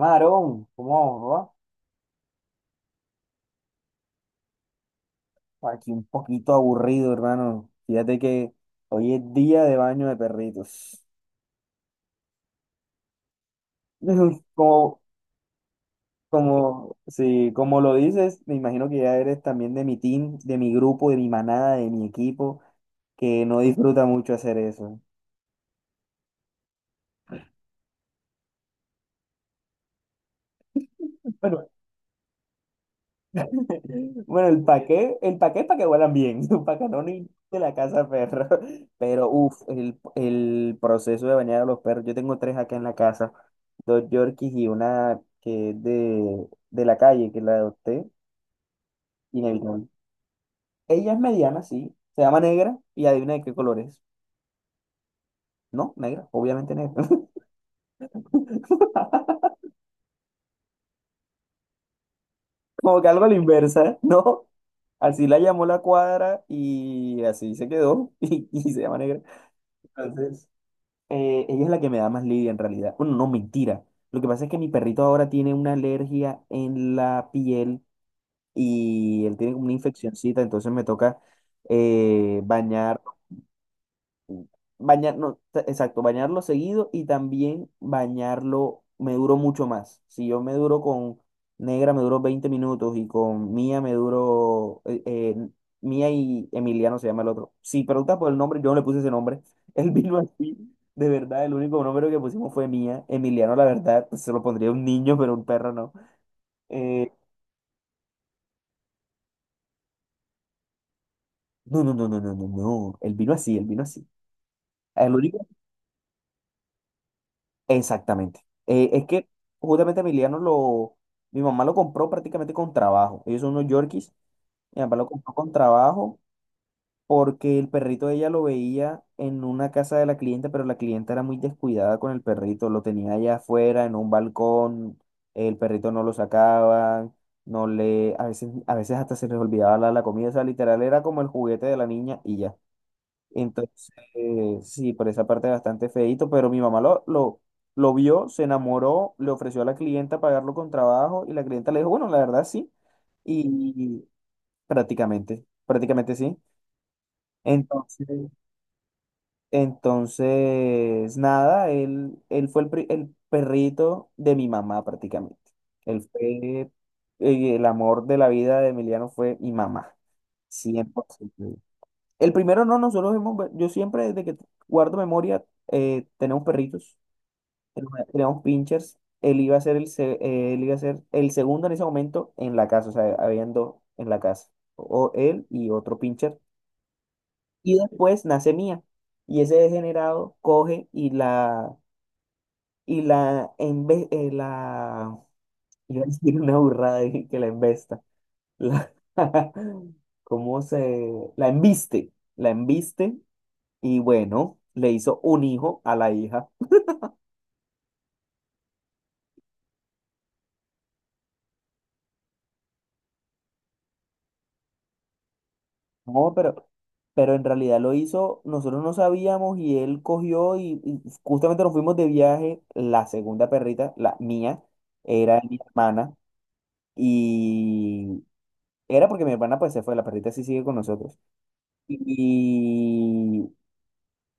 Marón, ¿cómo va, papá? Aquí un poquito aburrido, hermano. Fíjate que hoy es día de baño de perritos. Como, sí, como lo dices, me imagino que ya eres también de mi team, de mi grupo, de mi manada, de mi equipo, que no disfruta mucho hacer eso. Bueno, Bueno, el paqué es para que huelan bien, para que no ni de la casa perro. Pero uff, el proceso de bañar a los perros. Yo tengo tres acá en la casa, dos Yorkies y una que es de la calle, que la adopté, inevitable. Ella es mediana, sí, se llama Negra y adivina de qué color es. No, negra, obviamente negra. Como que algo a la inversa, ¿no? Así la llamó la cuadra y así se quedó y se llama Negra. Entonces, ella es la que me da más lidia en realidad. Bueno, no, mentira. Lo que pasa es que mi perrito ahora tiene una alergia en la piel y él tiene como una infeccioncita, entonces me toca eh, bañar bañarlo, exacto, bañarlo seguido y también bañarlo, me duró mucho más. Si yo me duro con Negra, me duró 20 minutos y con Mía me duró, Mía y Emiliano se llama el otro. Si preguntas por el nombre, yo no le puse ese nombre. Él vino así, de verdad, el único nombre que pusimos fue Mía. Emiliano, la verdad, pues, se lo pondría a un niño, pero un perro no. Eh, no, no, no, no, no, no, no. Él vino así, él vino así. El único Exactamente. Es que justamente mi mamá lo compró prácticamente con trabajo. Ellos son unos Yorkies. Mi papá lo compró con trabajo porque el perrito ella lo veía en una casa de la clienta, pero la clienta era muy descuidada con el perrito. Lo tenía allá afuera, en un balcón. El perrito no lo sacaba, no le, a veces hasta se les olvidaba la comida. O sea, literal era como el juguete de la niña y ya. Entonces, sí, por esa parte bastante feíto, pero mi mamá lo vio, se enamoró, le ofreció a la clienta pagarlo con trabajo y la clienta le dijo, bueno, la verdad sí, y prácticamente, prácticamente sí. Entonces, entonces, nada, él fue el perrito de mi mamá prácticamente. Él fue, el amor de la vida de Emiliano fue mi mamá, 100%. El primero no, nosotros hemos, yo siempre desde que guardo memoria, tenemos perritos, tenemos pinchers, él iba a ser el segundo en ese momento en la casa, o sea, habían dos en la casa, o él y otro pincher, y después nace Mía, y ese degenerado coge y la, embe- eh, la, iba a decir una burrada dije que la embesta, la, la embiste. Y bueno, le hizo un hijo a la hija. No, pero en realidad lo hizo, nosotros no sabíamos y él cogió y justamente nos fuimos de viaje, la segunda perrita, la mía, era de mi hermana y era porque mi hermana pues se fue, la perrita sí sigue con nosotros. Y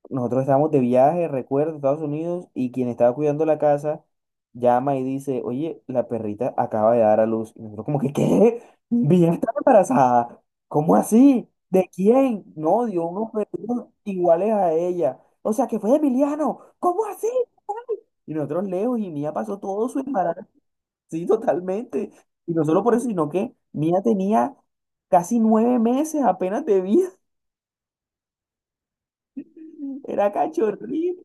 nosotros estábamos de viaje, recuerdo, en Estados Unidos, y quien estaba cuidando la casa llama y dice, oye, la perrita acaba de dar a luz. Y nosotros como que, ¿qué? Bien, está embarazada. ¿Cómo así? ¿De quién? No, dio unos perritos iguales a ella. O sea, que fue de Emiliano. ¿Cómo así? Y nosotros lejos, y Mía pasó todo su embarazo. Sí, totalmente. Y no solo por eso, sino que Mía tenía casi 9 meses apenas de vida. Era cachorrita.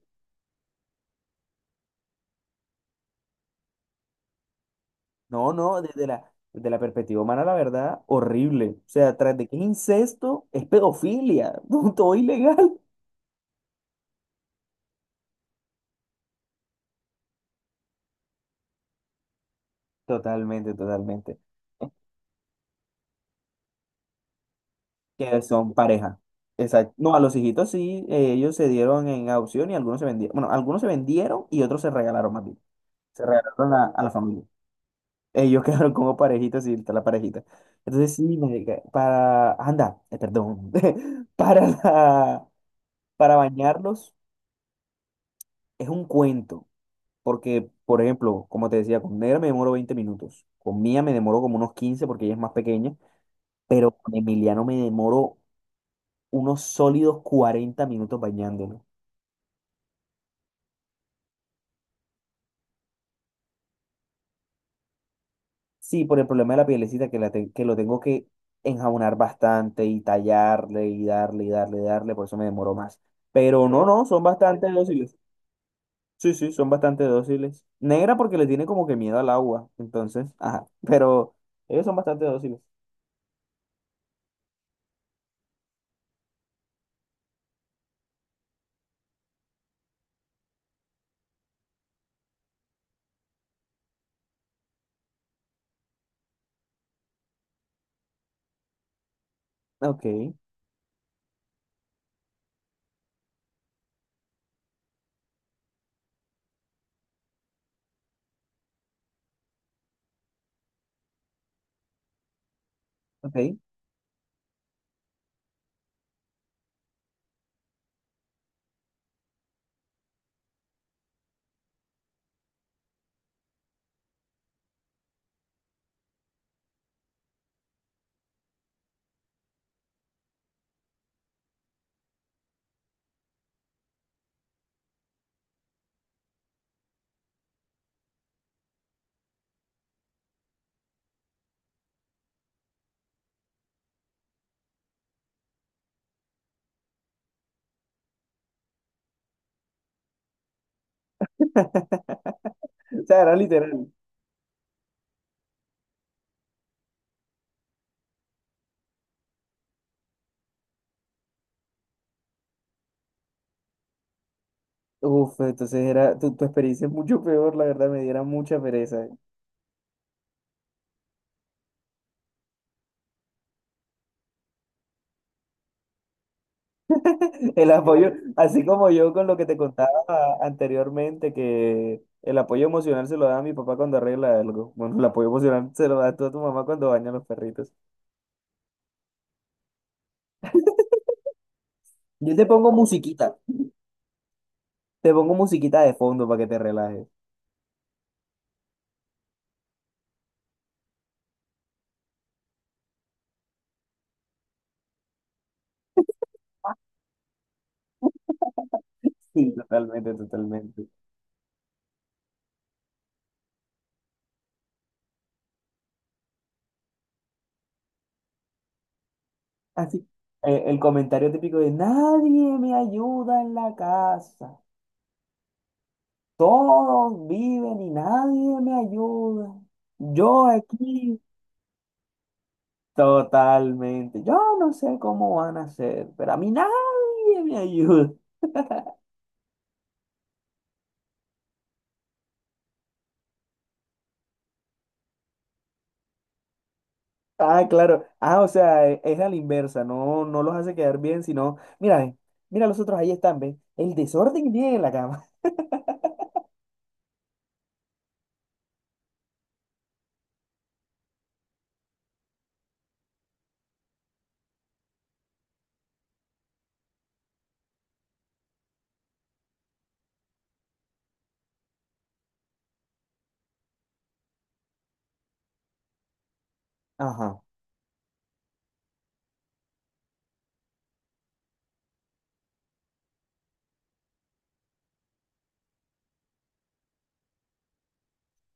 No, no, desde la perspectiva humana, la verdad, horrible. O sea, tras de que es incesto, es pedofilia, punto ilegal. Totalmente, totalmente. Que son pareja. Exacto. No, a los hijitos sí, ellos se dieron en adopción y algunos se vendieron. Bueno, algunos se vendieron y otros se regalaron más bien. Se regalaron a la familia. Ellos quedaron como parejitas y está la parejita. Entonces sí, marica, anda, perdón. Para la- Para bañarlos es un cuento. Porque, por ejemplo, como te decía, con Negra me demoro 20 minutos, con Mía me demoro como unos 15 porque ella es más pequeña, pero con Emiliano me demoro unos sólidos 40 minutos bañándolo. Sí, por el problema de la pielecita que lo tengo que enjabonar bastante y tallarle y darle y darle y darle, por eso me demoro más. Pero no, no, son bastante dóciles. Sí, sí, son bastante dóciles. Negra porque le tiene como que miedo al agua, entonces, ajá, pero ellos son bastante dóciles. Ok, ok. O sea, era literal. Uf, entonces era, tu experiencia es mucho peor, la verdad, me diera mucha pereza. El apoyo, así como yo con lo que te contaba anteriormente, que el apoyo emocional se lo da a mi papá cuando arregla algo. Bueno, el apoyo emocional se lo da tú a tu mamá cuando baña a los perritos. Yo te pongo musiquita de fondo para que te relajes. Sí, totalmente, totalmente. Así, el comentario típico de nadie me ayuda en la casa. Todos viven y nadie me ayuda. Yo aquí, totalmente. Yo no sé cómo van a hacer, pero a mí nadie me ayuda. Ah, claro. Ah, o sea, es a la inversa. No, no los hace quedar bien, sino, mira, ve, mira los otros ahí están, ¿ven? El desorden viene en la cama. Ajá.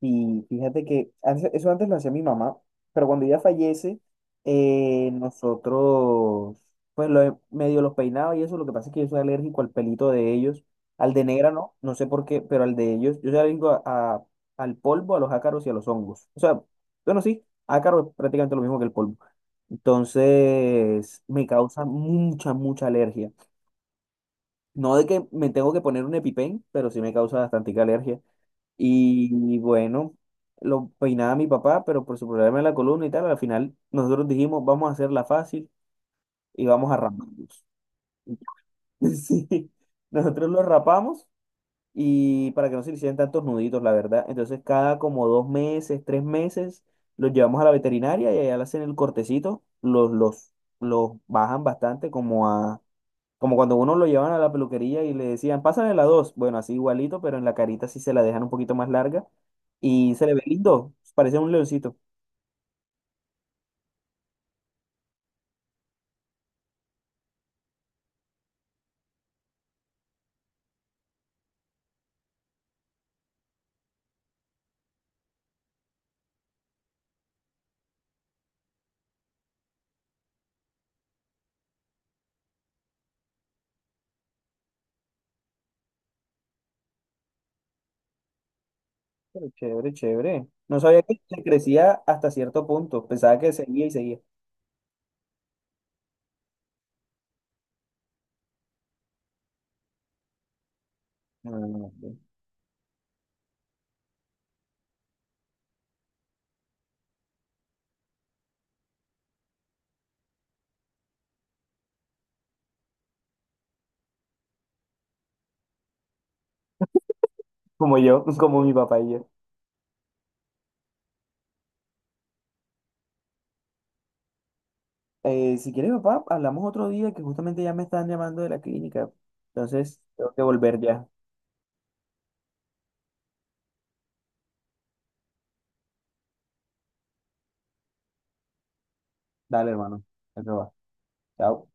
Y fíjate que eso antes lo hacía mi mamá, pero cuando ella fallece, nosotros, pues medio los peinaba y eso, lo que pasa es que yo soy alérgico al pelito de ellos, al de Negra no, no sé por qué, pero al de ellos, yo soy alérgico a- al polvo, a los ácaros y a los hongos. O sea, bueno, sí, ácaro es prácticamente lo mismo que el polvo. Entonces, me causa mucha, mucha alergia. No de que me tengo que poner un EpiPen, pero sí me causa bastante alergia. Y bueno, lo peinaba mi papá, pero por su problema de la columna y tal, al final nosotros dijimos, vamos a hacerla fácil y vamos a raparlos. Sí, nosotros los rapamos y para que no se le hicieran tantos nuditos, la verdad. Entonces, cada como 2 meses, 3 meses, los llevamos a la veterinaria y allá le hacen el cortecito, los bajan bastante, como cuando uno lo llevan a la peluquería y le decían, pásale la dos. Bueno, así igualito, pero en la carita sí se la dejan un poquito más larga y se le ve lindo. Parece un leoncito. Pero chévere, chévere. No sabía que le crecía hasta cierto punto. Pensaba que seguía y seguía. No, no, no, no. Como yo, como mi papá y yo. Si quieres, papá, hablamos otro día que justamente ya me están llamando de la clínica. Entonces, tengo que volver ya. Dale, hermano. Eso va. Chao.